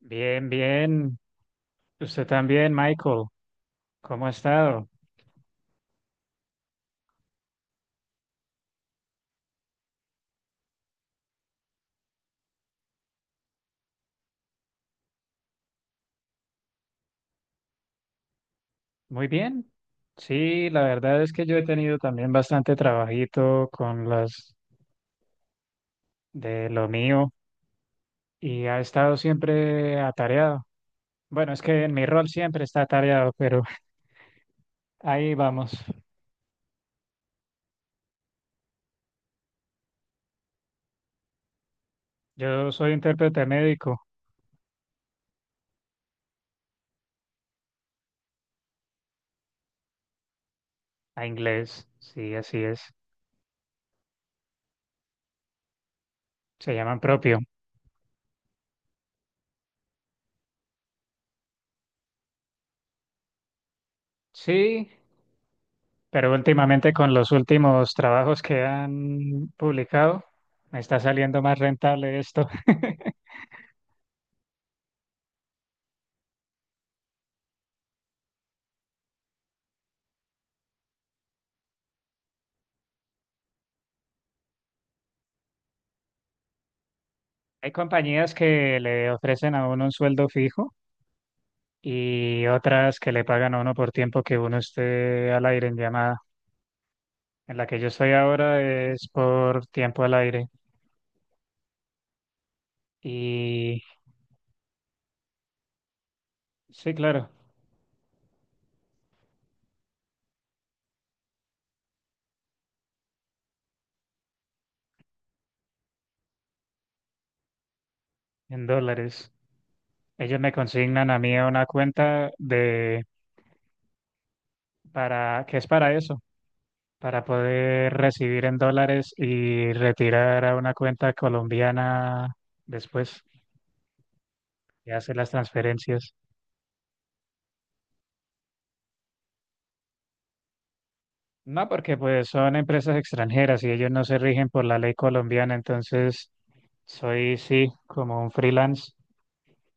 Bien, bien. Usted también, Michael. ¿Cómo ha estado? Muy bien. Sí, la verdad es que yo he tenido también bastante trabajito con las de lo mío y ha estado siempre atareado. Bueno, es que en mi rol siempre está atareado, pero ahí vamos. Yo soy intérprete médico a inglés. Sí, así es. Se llaman propio. Sí, pero últimamente con los últimos trabajos que han publicado, me está saliendo más rentable esto. Hay compañías que le ofrecen a uno un sueldo fijo y otras que le pagan a uno por tiempo que uno esté al aire en llamada. En la que yo estoy ahora es por tiempo al aire. Y sí, claro, en dólares. Ellos me consignan a mí a una cuenta de para que es para eso, para poder recibir en dólares y retirar a una cuenta colombiana después y hacer las transferencias. No, porque pues son empresas extranjeras y ellos no se rigen por la ley colombiana, entonces soy sí como un freelance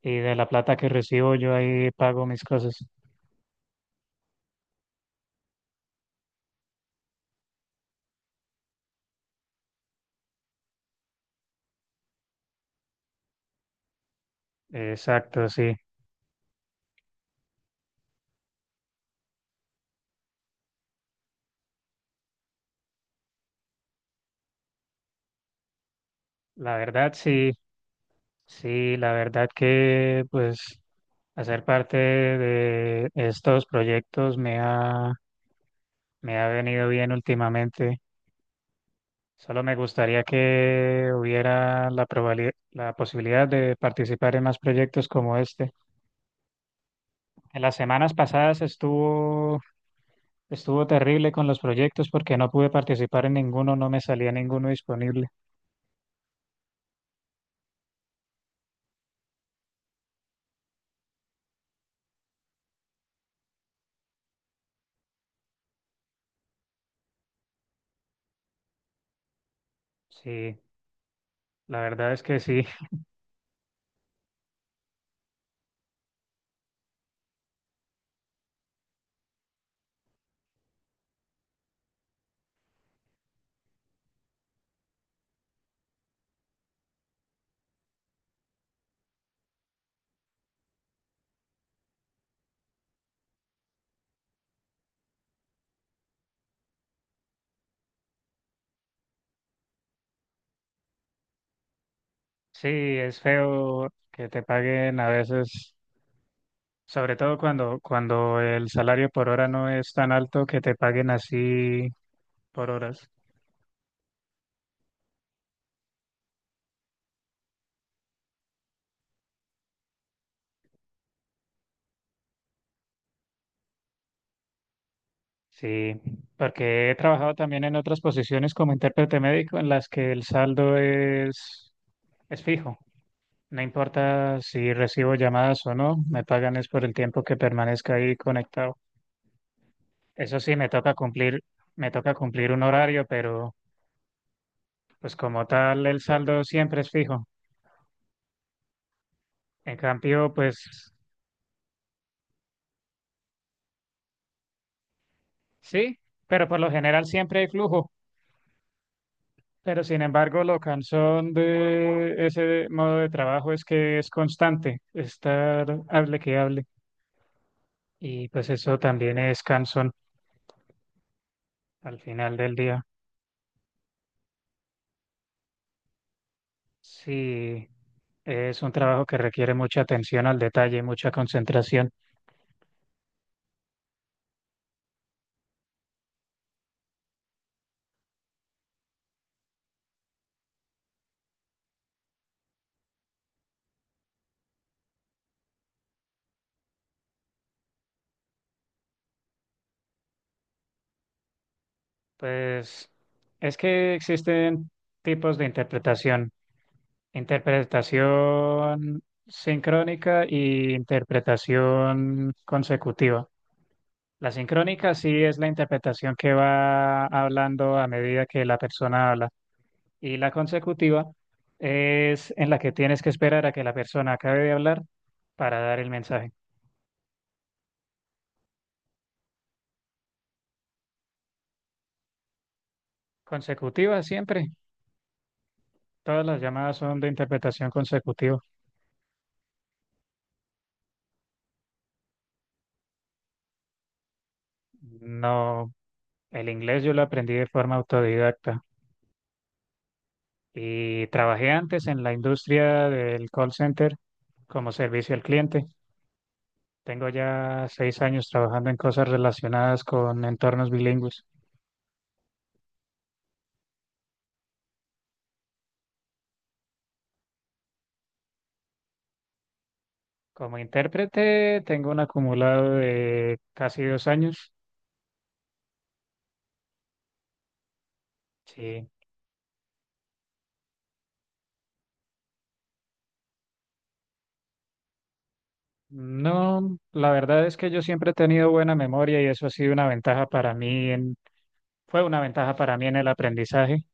y de la plata que recibo yo ahí pago mis cosas. Exacto, sí. La verdad sí, sí, la verdad que pues hacer parte de estos proyectos me ha venido bien últimamente. Solo me gustaría que hubiera la posibilidad de participar en más proyectos como este. En las semanas pasadas estuvo, estuvo terrible con los proyectos porque no pude participar en ninguno, no me salía ninguno disponible. Sí, la verdad es que sí. Sí, es feo que te paguen a veces, sobre todo cuando, cuando el salario por hora no es tan alto que te paguen así por horas. Sí, porque he trabajado también en otras posiciones como intérprete médico en las que el saldo es fijo. No importa si recibo llamadas o no, me pagan es por el tiempo que permanezca ahí conectado. Eso sí, me toca cumplir un horario, pero pues como tal el saldo siempre es fijo. En cambio, pues sí, pero por lo general siempre hay flujo. Pero sin embargo, lo cansón de ese modo de trabajo es que es constante, estar hable que hable. Y pues eso también es cansón al final del día. Sí, es un trabajo que requiere mucha atención al detalle, mucha concentración. Pues es que existen tipos de interpretación. Interpretación sincrónica y interpretación consecutiva. La sincrónica sí es la interpretación que va hablando a medida que la persona habla. Y la consecutiva es en la que tienes que esperar a que la persona acabe de hablar para dar el mensaje. Consecutiva siempre. Todas las llamadas son de interpretación consecutiva. No, el inglés yo lo aprendí de forma autodidacta. Y trabajé antes en la industria del call center como servicio al cliente. Tengo ya 6 años trabajando en cosas relacionadas con entornos bilingües. Como intérprete tengo un acumulado de casi 2 años. Sí. No, la verdad es que yo siempre he tenido buena memoria y eso ha sido una ventaja para mí en, fue una ventaja para mí en el aprendizaje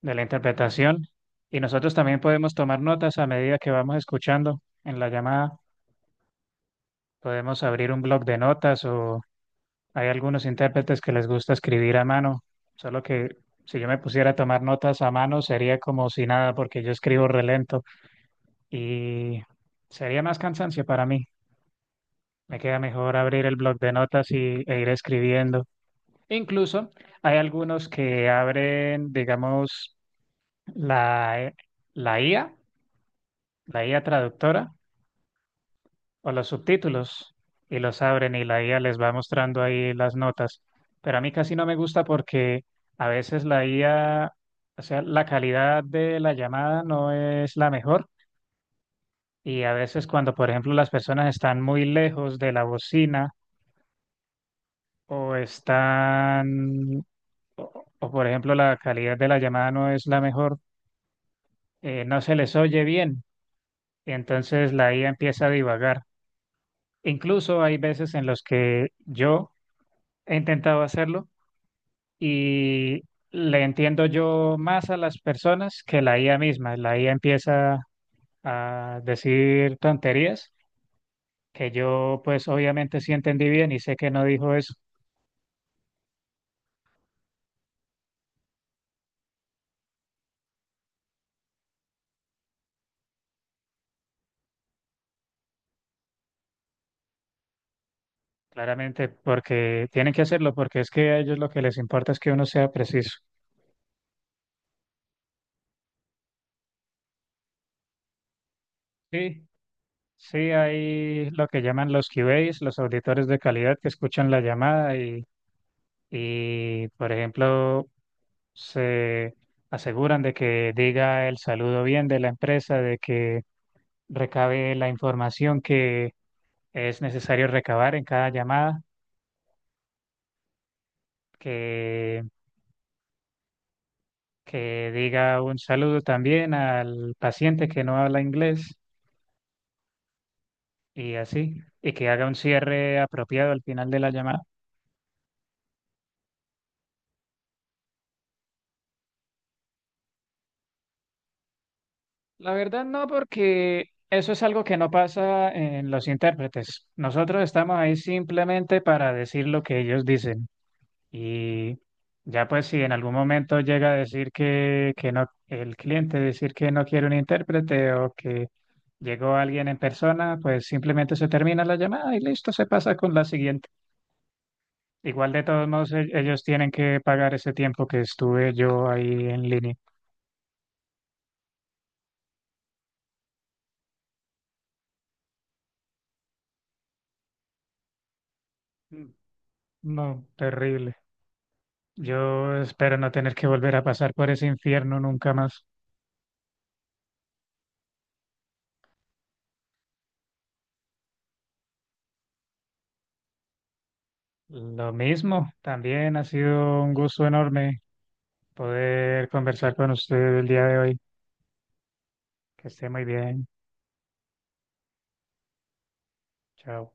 de la interpretación. Y nosotros también podemos tomar notas a medida que vamos escuchando en la llamada. Podemos abrir un blog de notas o hay algunos intérpretes que les gusta escribir a mano, solo que si yo me pusiera a tomar notas a mano sería como si nada porque yo escribo relento y sería más cansancio para mí. Me queda mejor abrir el blog de notas e ir escribiendo. Incluso hay algunos que abren, digamos, la, la IA, la IA traductora o los subtítulos y los abren y la IA les va mostrando ahí las notas. Pero a mí casi no me gusta porque a veces la IA, o sea, la calidad de la llamada no es la mejor y a veces cuando, por ejemplo, las personas están muy lejos de la bocina o están, por ejemplo, la calidad de la llamada no es la mejor, no se les oye bien y entonces la IA empieza a divagar. Incluso hay veces en los que yo he intentado hacerlo y le entiendo yo más a las personas que la IA misma. La IA empieza a decir tonterías que yo pues obviamente sí entendí bien y sé que no dijo eso, claramente porque tienen que hacerlo, porque es que a ellos lo que les importa es que uno sea preciso. Sí, sí, hay lo que llaman los QAs, los auditores de calidad que escuchan la llamada y por ejemplo, se aseguran de que diga el saludo bien de la empresa, de que recabe la información que es necesario recabar en cada llamada, que, que diga un saludo también al paciente que no habla inglés y así, y que haga un cierre apropiado al final de la llamada. La verdad no, porque eso es algo que no pasa en los intérpretes. Nosotros estamos ahí simplemente para decir lo que ellos dicen. Y ya pues si en algún momento llega a decir que no, el cliente decir que no quiere un intérprete o que llegó alguien en persona, pues simplemente se termina la llamada y listo, se pasa con la siguiente. Igual de todos modos ellos tienen que pagar ese tiempo que estuve yo ahí en línea. Mm, no, terrible. Yo espero no tener que volver a pasar por ese infierno nunca más. Lo mismo, también ha sido un gusto enorme poder conversar con usted el día de hoy. Que esté muy bien. Chao.